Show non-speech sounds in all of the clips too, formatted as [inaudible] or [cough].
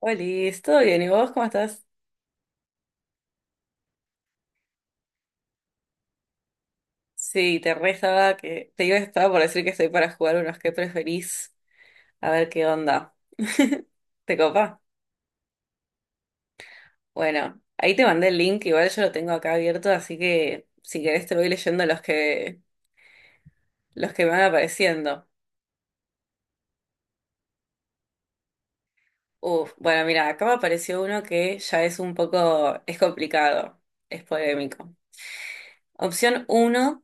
Hola, ¿todo bien? ¿Y vos cómo estás? Sí, te re estaba que te iba estaba por decir que estoy para jugar unos que preferís, a ver qué onda. [laughs] ¿Te copa? Bueno, ahí te mandé el link, igual yo lo tengo acá abierto, así que si querés te voy leyendo los que me van apareciendo. Uf, bueno, mira, acá me apareció uno que ya es un poco, es complicado, es polémico. Opción uno: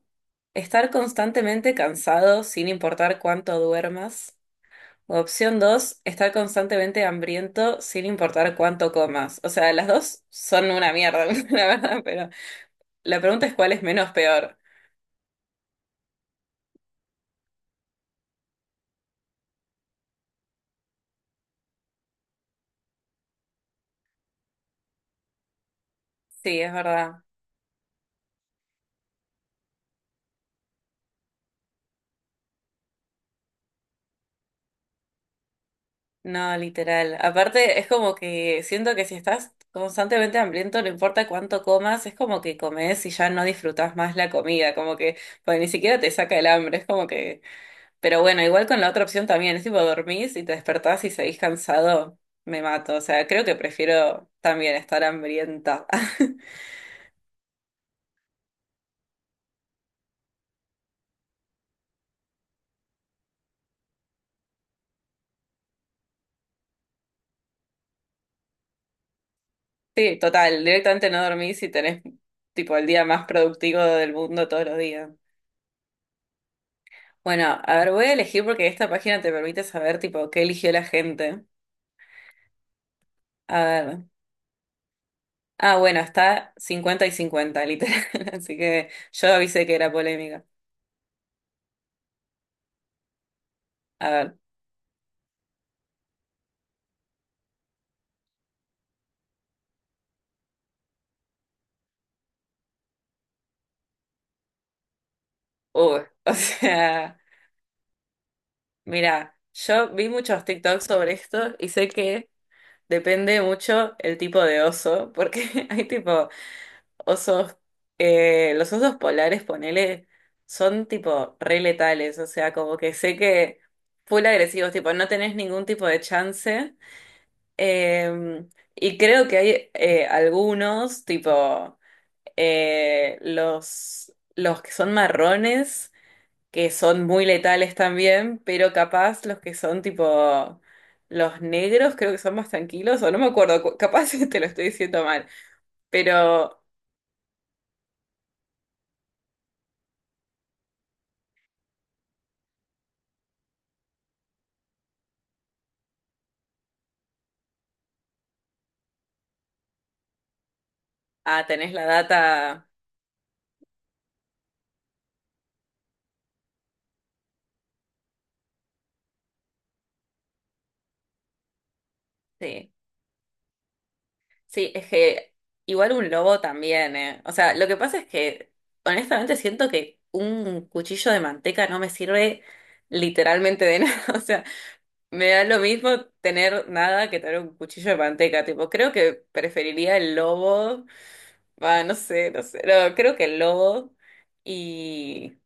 estar constantemente cansado sin importar cuánto duermas. Opción dos: estar constantemente hambriento sin importar cuánto comas. O sea, las dos son una mierda, [laughs] la verdad, pero la pregunta es cuál es menos peor. Sí, es verdad. No, literal. Aparte, es como que siento que si estás constantemente hambriento, no importa cuánto comas, es como que comes y ya no disfrutas más la comida, como que pues, ni siquiera te saca el hambre, es como que pero bueno, igual con la otra opción también, es tipo dormís y te despertás y seguís cansado, me mato. O sea, creo que prefiero también estar hambrienta. [laughs] Sí, total, directamente no dormís y tenés tipo el día más productivo del mundo todos los días. Bueno, a ver, voy a elegir porque esta página te permite saber tipo qué eligió la gente. A ver. Ah, bueno, está 50-50 literal. [laughs] Así que yo avisé que era polémica. A ver. Uy, [laughs] o sea. Mira, yo vi muchos TikToks sobre esto y sé que depende mucho el tipo de oso, porque [laughs] hay tipo osos, los osos polares, ponele, son tipo re letales, o sea, como que sé que full agresivos, tipo, no tenés ningún tipo de chance. eh, y creo que hay algunos, tipo, los que son marrones que son muy letales también, pero capaz los que son tipo los negros creo que son más tranquilos, o no me acuerdo, capaz [laughs] te lo estoy diciendo mal, pero ah, tenés la data, sí, sí, es que igual un lobo también, eh. O sea, lo que pasa es que honestamente siento que un cuchillo de manteca no me sirve literalmente de [laughs] nada, o sea, me da lo mismo tener nada que tener un cuchillo de manteca, tipo, creo que preferiría el lobo. Va, no sé, no sé. No, creo que el lobo y,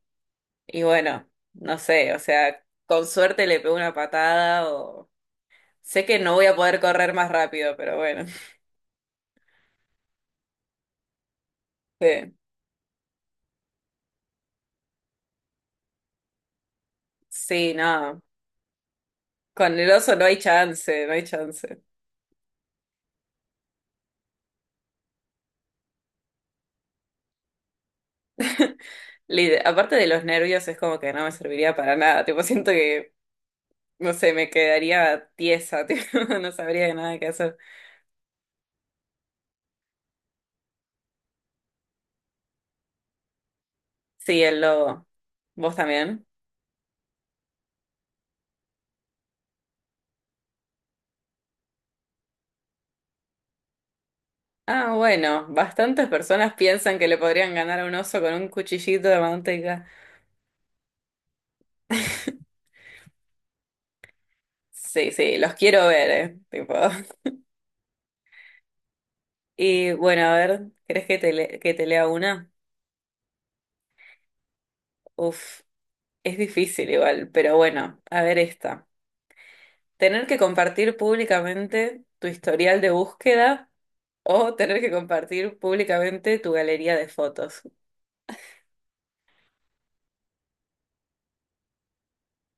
y bueno, no sé, o sea, con suerte le pego una patada o... Sé que no voy a poder correr más rápido, pero bueno. [laughs] Sí, sí, no. Con el oso no hay chance, no hay chance. [laughs] Aparte de los nervios, es como que no me serviría para nada. Tipo, siento que, no sé, me quedaría tiesa, [laughs] tipo, no sabría de nada qué hacer. Sí, el lobo. ¿Vos también? Ah, bueno, bastantes personas piensan que le podrían ganar a un oso con un cuchillito de manteca. [laughs] Sí, sí, los quiero ver, tipo. [laughs] Y bueno, a ver, ¿querés que te, le- que te lea una? Uf, es difícil igual, pero bueno, a ver esta. ¿Tener que compartir públicamente tu historial de búsqueda o tener que compartir públicamente tu galería de fotos?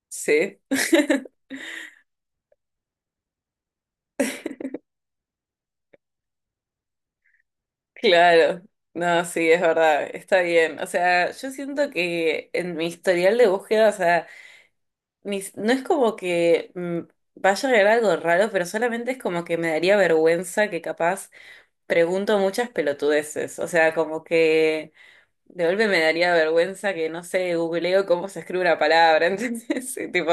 Sí. [laughs] Claro, no, sí, es verdad, está bien. O sea, yo siento que en mi historial de búsqueda, o sea, mis- no es como que vaya a agregar algo raro, pero solamente es como que me daría vergüenza que capaz pregunto muchas pelotudeces. O sea, como que de golpe me daría vergüenza que, no sé, googleo cómo se escribe una palabra, [laughs] ¿entendés? Sí, tipo,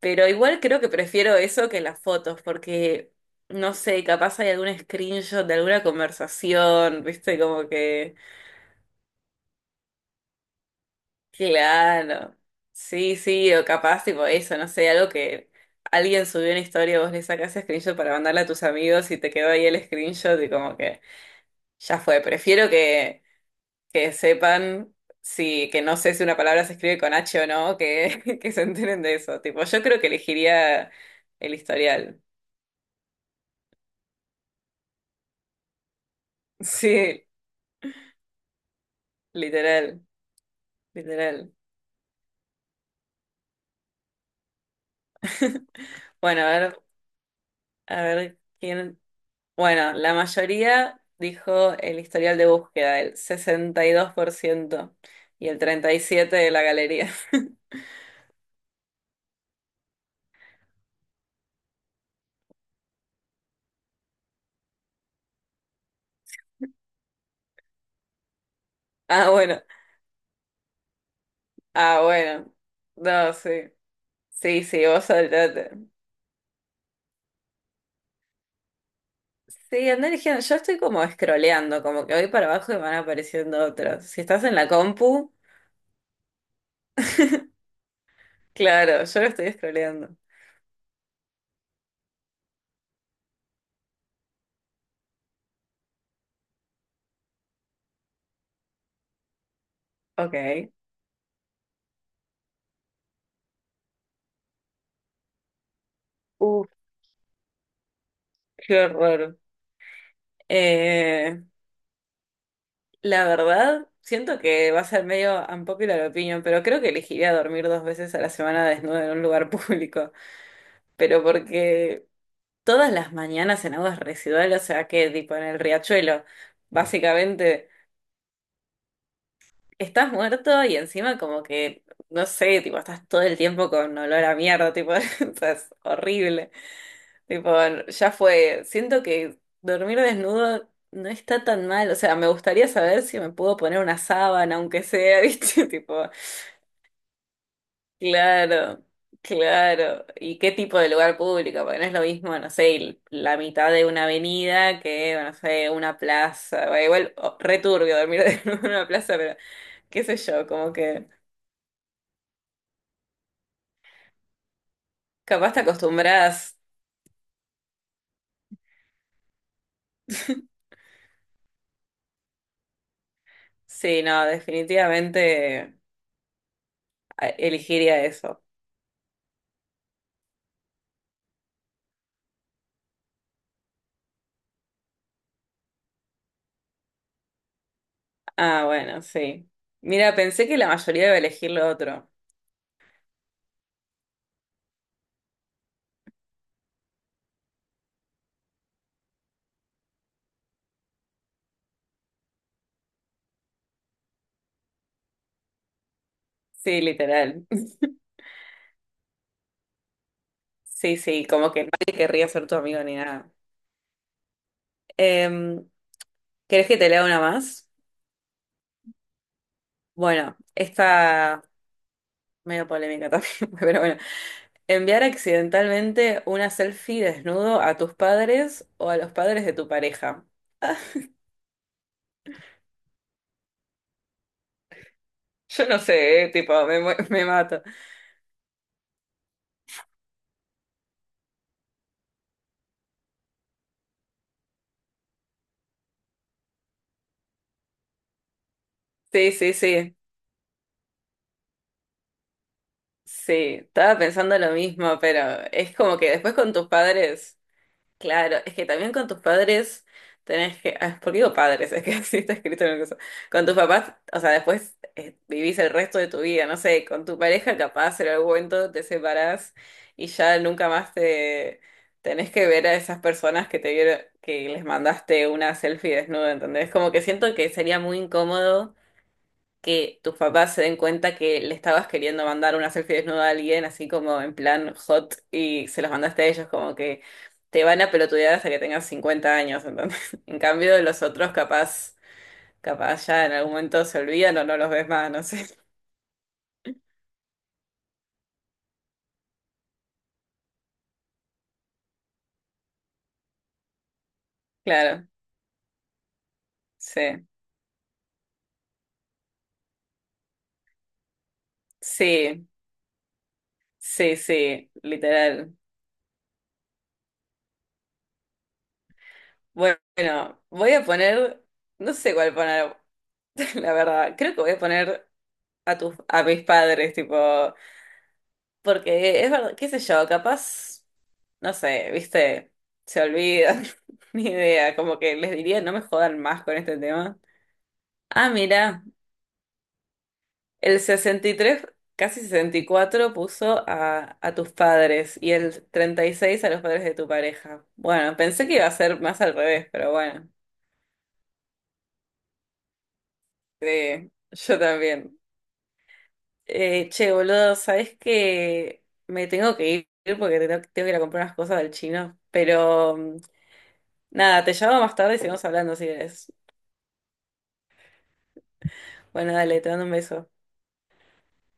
pero igual creo que prefiero eso que las fotos, porque, no sé, capaz hay algún screenshot de alguna conversación, ¿viste? Como que... Claro. Sí, sí, o capaz, tipo eso, no sé, algo que alguien subió una historia, vos le sacás screenshot para mandarla a tus amigos y te quedó ahí el screenshot y como que ya fue. Prefiero que sepan si, que no sé si una palabra se escribe con H o no, que, [laughs] que se enteren de eso. Tipo, yo creo que elegiría el historial. [laughs] Sí, literal, literal. [laughs] Bueno, a ver, ¿quién? Bueno, la mayoría dijo el historial de búsqueda, el 62% y el 37% de la galería. [laughs] Ah, bueno, ah, bueno. No, sí. Sí, sí, vos saltate. Sí, andá eligiendo. Yo estoy como scrolleando, como que voy para abajo y van apareciendo otros. Si estás en la compu, [laughs] claro, yo lo estoy scrolleando. Ok. Uf, qué horror. Eh, La verdad, siento que va a ser medio unpopular opinion, pero creo que elegiría dormir dos veces a la semana desnudo en un lugar [laughs] público. Pero porque todas las mañanas en aguas residuales, o sea que tipo en el riachuelo, básicamente estás muerto y encima como que, no sé, tipo estás todo el tiempo con olor a mierda, tipo, [laughs] o sea, es horrible. Tipo, ya fue. Siento que dormir desnudo no está tan mal. O sea, me gustaría saber si me puedo poner una sábana, aunque sea, [laughs] ¿viste? Tipo. Claro, claro. ¿Y qué tipo de lugar público? Porque no es lo mismo, no sé, el- la mitad de una avenida que, no sé, una plaza. Bueno, igual, oh, re turbio dormir [laughs] en una plaza, pero qué sé yo, como que capaz te acostumbras. [laughs] Sí, no, definitivamente elegiría eso. Ah, bueno, sí. Mira, pensé que la mayoría iba a elegir lo otro. Sí, literal. [laughs] Sí, sí, como que nadie querría ser tu amigo ni nada. Em, ¿querés que te lea una más? Bueno, esta medio polémica también, [laughs] pero bueno. Enviar accidentalmente una selfie desnudo a tus padres o a los padres de tu pareja. Yo no sé, tipo, me, mu- [laughs] me mato. Sí, sí, sí. Sí, estaba pensando lo mismo, pero es como que después con tus padres. Claro, es que también con tus padres tenés que. Ah, ¿por qué digo padres? Es que [laughs] así está escrito en el coso. Con tus papás, o sea, después vivís el resto de tu vida, no sé, con tu pareja capaz en algún momento te separás y ya nunca más te tenés que ver a esas personas que te vieron, que les mandaste una selfie desnuda, ¿entendés? Como que siento que sería muy incómodo que tus papás se den cuenta que le estabas queriendo mandar una selfie desnuda a alguien, así como en plan hot, y se las mandaste a ellos, como que te van a pelotudear hasta que tengas 50 años, ¿entendés? [laughs] En cambio, de los otros capaz, capaz ya en algún momento se olvidan o no los ves más, no sé. [laughs] Claro, sí, sí, sí, sí, literal. Bueno, voy a poner, no sé cuál poner, [laughs] la verdad, creo que voy a poner a tus, a mis padres, tipo. Porque es verdad, qué sé yo, capaz, no sé, viste, se olvida, [laughs] ni idea, como que les diría no me jodan más con este tema. Ah, mira, el 63 casi 64 puso a tus padres y el 36 a los padres de tu pareja. Bueno, pensé que iba a ser más al revés, pero bueno, sí, yo también. Che, boludo, ¿sabes que me tengo que ir porque tengo, tengo que ir a comprar unas cosas del chino? Pero... Nada, te llamo más tarde y seguimos hablando si querés. Bueno, dale, te mando un beso.